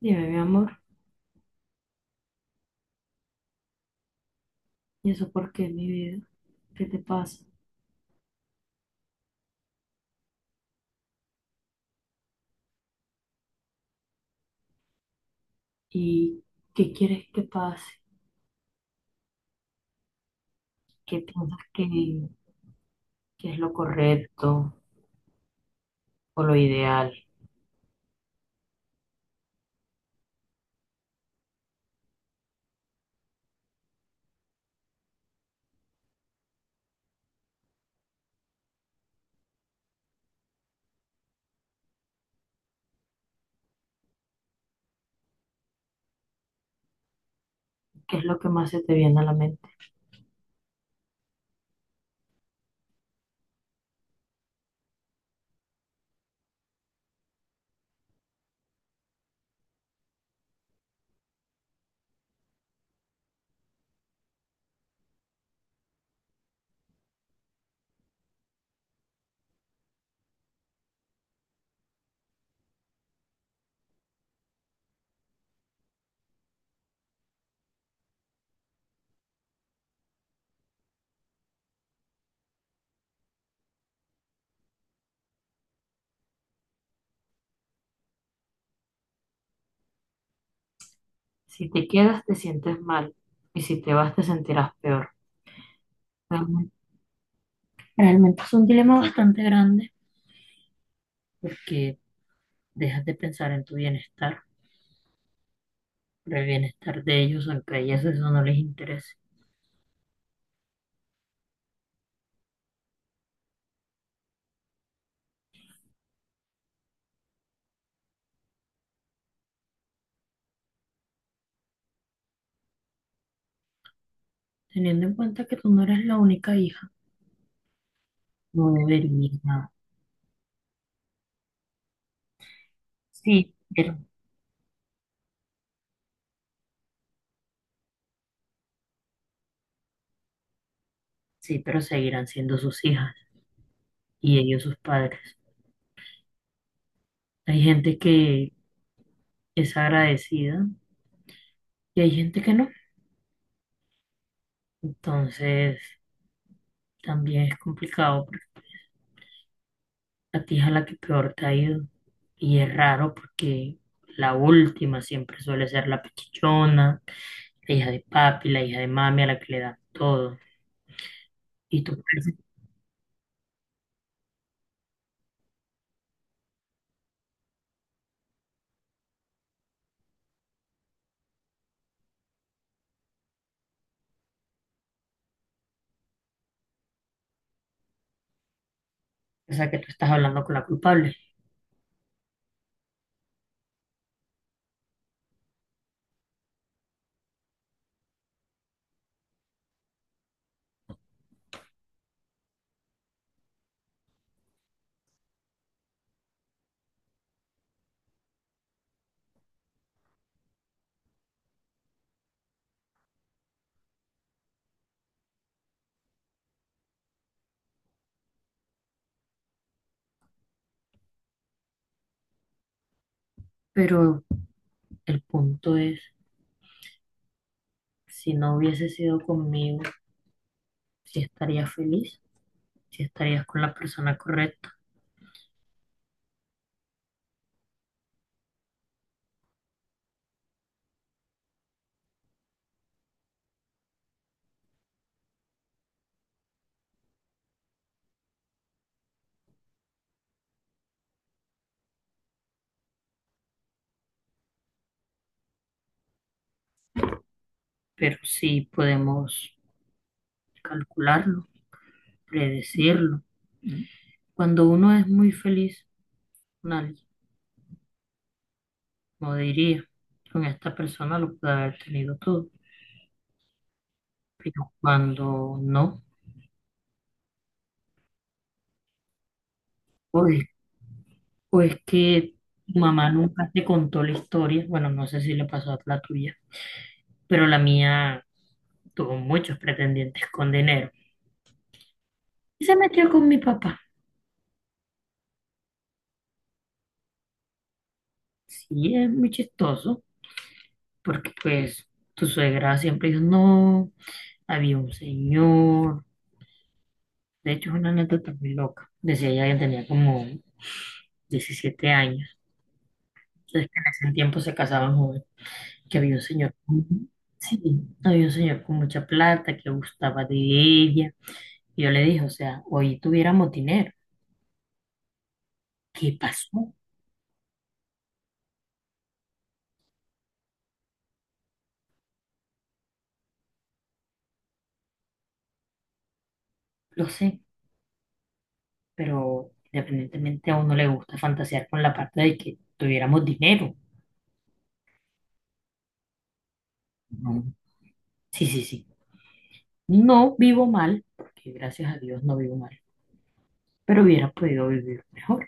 Dime, mi amor, ¿y eso por qué, mi vida? ¿Qué te pasa? ¿Y qué quieres que pase? ¿Qué piensas que es lo correcto o lo ideal? ¿Qué es lo que más se te viene a la mente? Si te quedas, te sientes mal. Y si te vas, te sentirás peor. Realmente, realmente es un dilema bastante grande porque dejas de pensar en tu bienestar, pero el bienestar de ellos, aunque a ellas eso no les interese. Teniendo en cuenta que tú no eres la única hija, no debería. Sí, pero sí, pero seguirán siendo sus hijas y ellos sus padres. Hay gente que es agradecida y hay gente que no. Entonces, también es complicado porque la tía es a la que peor te ha ido. Y es raro porque la última siempre suele ser la pichichona, la hija de papi, la hija de mami a la que le dan todo. Y tú piensas que tú estás hablando con la culpable. Pero el punto es, si no hubiese sido conmigo, si estaría feliz, si estarías con la persona correcta, pero sí podemos calcularlo, predecirlo. Cuando uno es muy feliz con alguien, como diría, con esta persona lo puede haber tenido todo, pero cuando no, o es, o es que tu mamá nunca te contó la historia, bueno, no sé si le pasó a la tuya, pero la mía tuvo muchos pretendientes con dinero y se metió con mi papá. Sí, es muy chistoso, porque pues tu suegra siempre dijo, no. Había un señor, de hecho es una anécdota muy loca, decía ella que tenía como 17 años, entonces que en ese tiempo se casaban jóvenes, que había un señor, con- sí, había un señor con mucha plata que gustaba de ella, y yo le dije, o sea, hoy tuviéramos dinero, ¿qué pasó? Lo sé, pero independientemente a uno le gusta fantasear con la parte de que tuviéramos dinero, ¿no? Sí, sí, sí. No vivo mal, porque gracias a Dios no vivo mal, pero hubiera podido vivir mejor.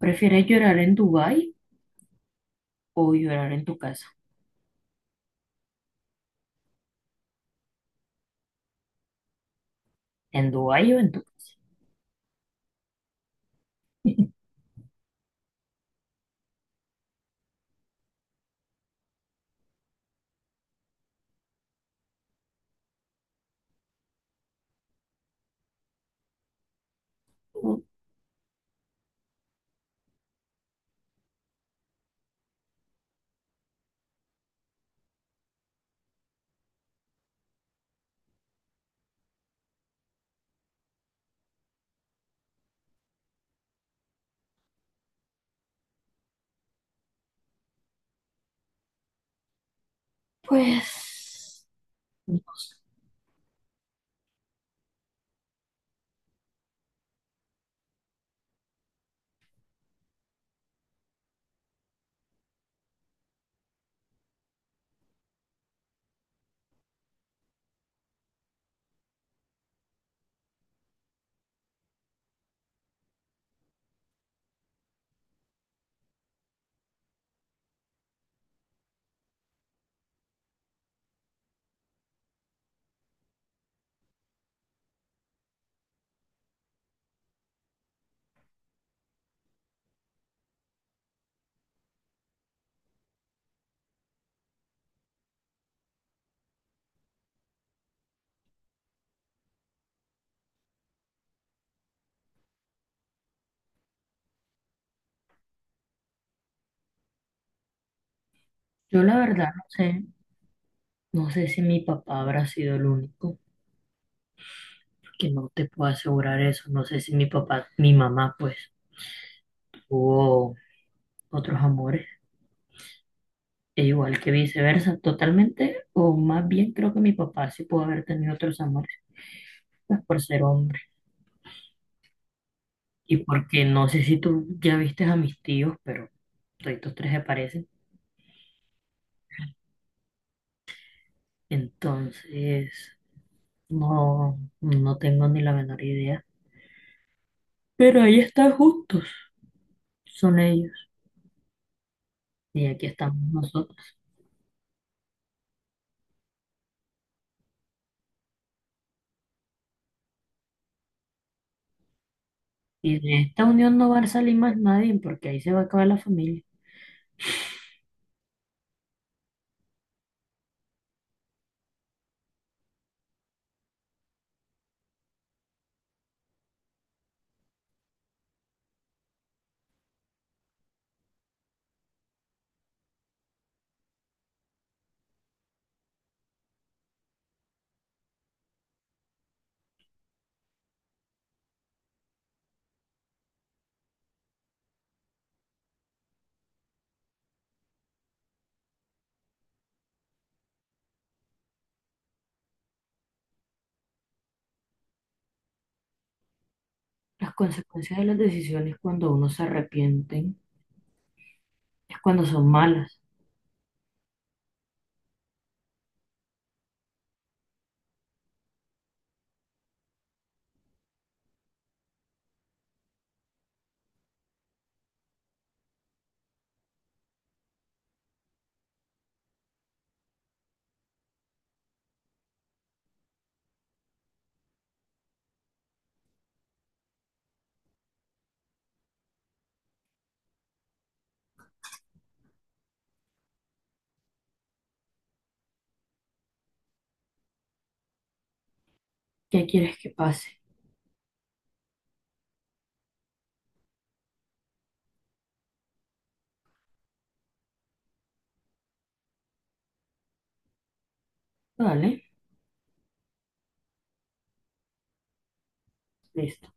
¿Prefieres llorar en Dubái o llorar en tu casa? ¿En Dubái o en tu casa? Pues, no sé. Yo la verdad no sé, no sé si mi papá habrá sido el único, porque no te puedo asegurar eso, no sé si mi papá, mi mamá pues tuvo otros amores, e igual que viceversa, totalmente, o más bien creo que mi papá sí pudo haber tenido otros amores, pues por ser hombre, y porque no sé si tú ya viste a mis tíos, pero todos tres se parecen, entonces no, no tengo ni la menor idea. Pero ahí están justos, son ellos. Y aquí estamos nosotros. Y de esta unión no va a salir más nadie porque ahí se va a acabar la familia. Las consecuencias de las decisiones cuando uno se arrepienten es cuando son malas. ¿Qué quieres que pase? Vale, listo.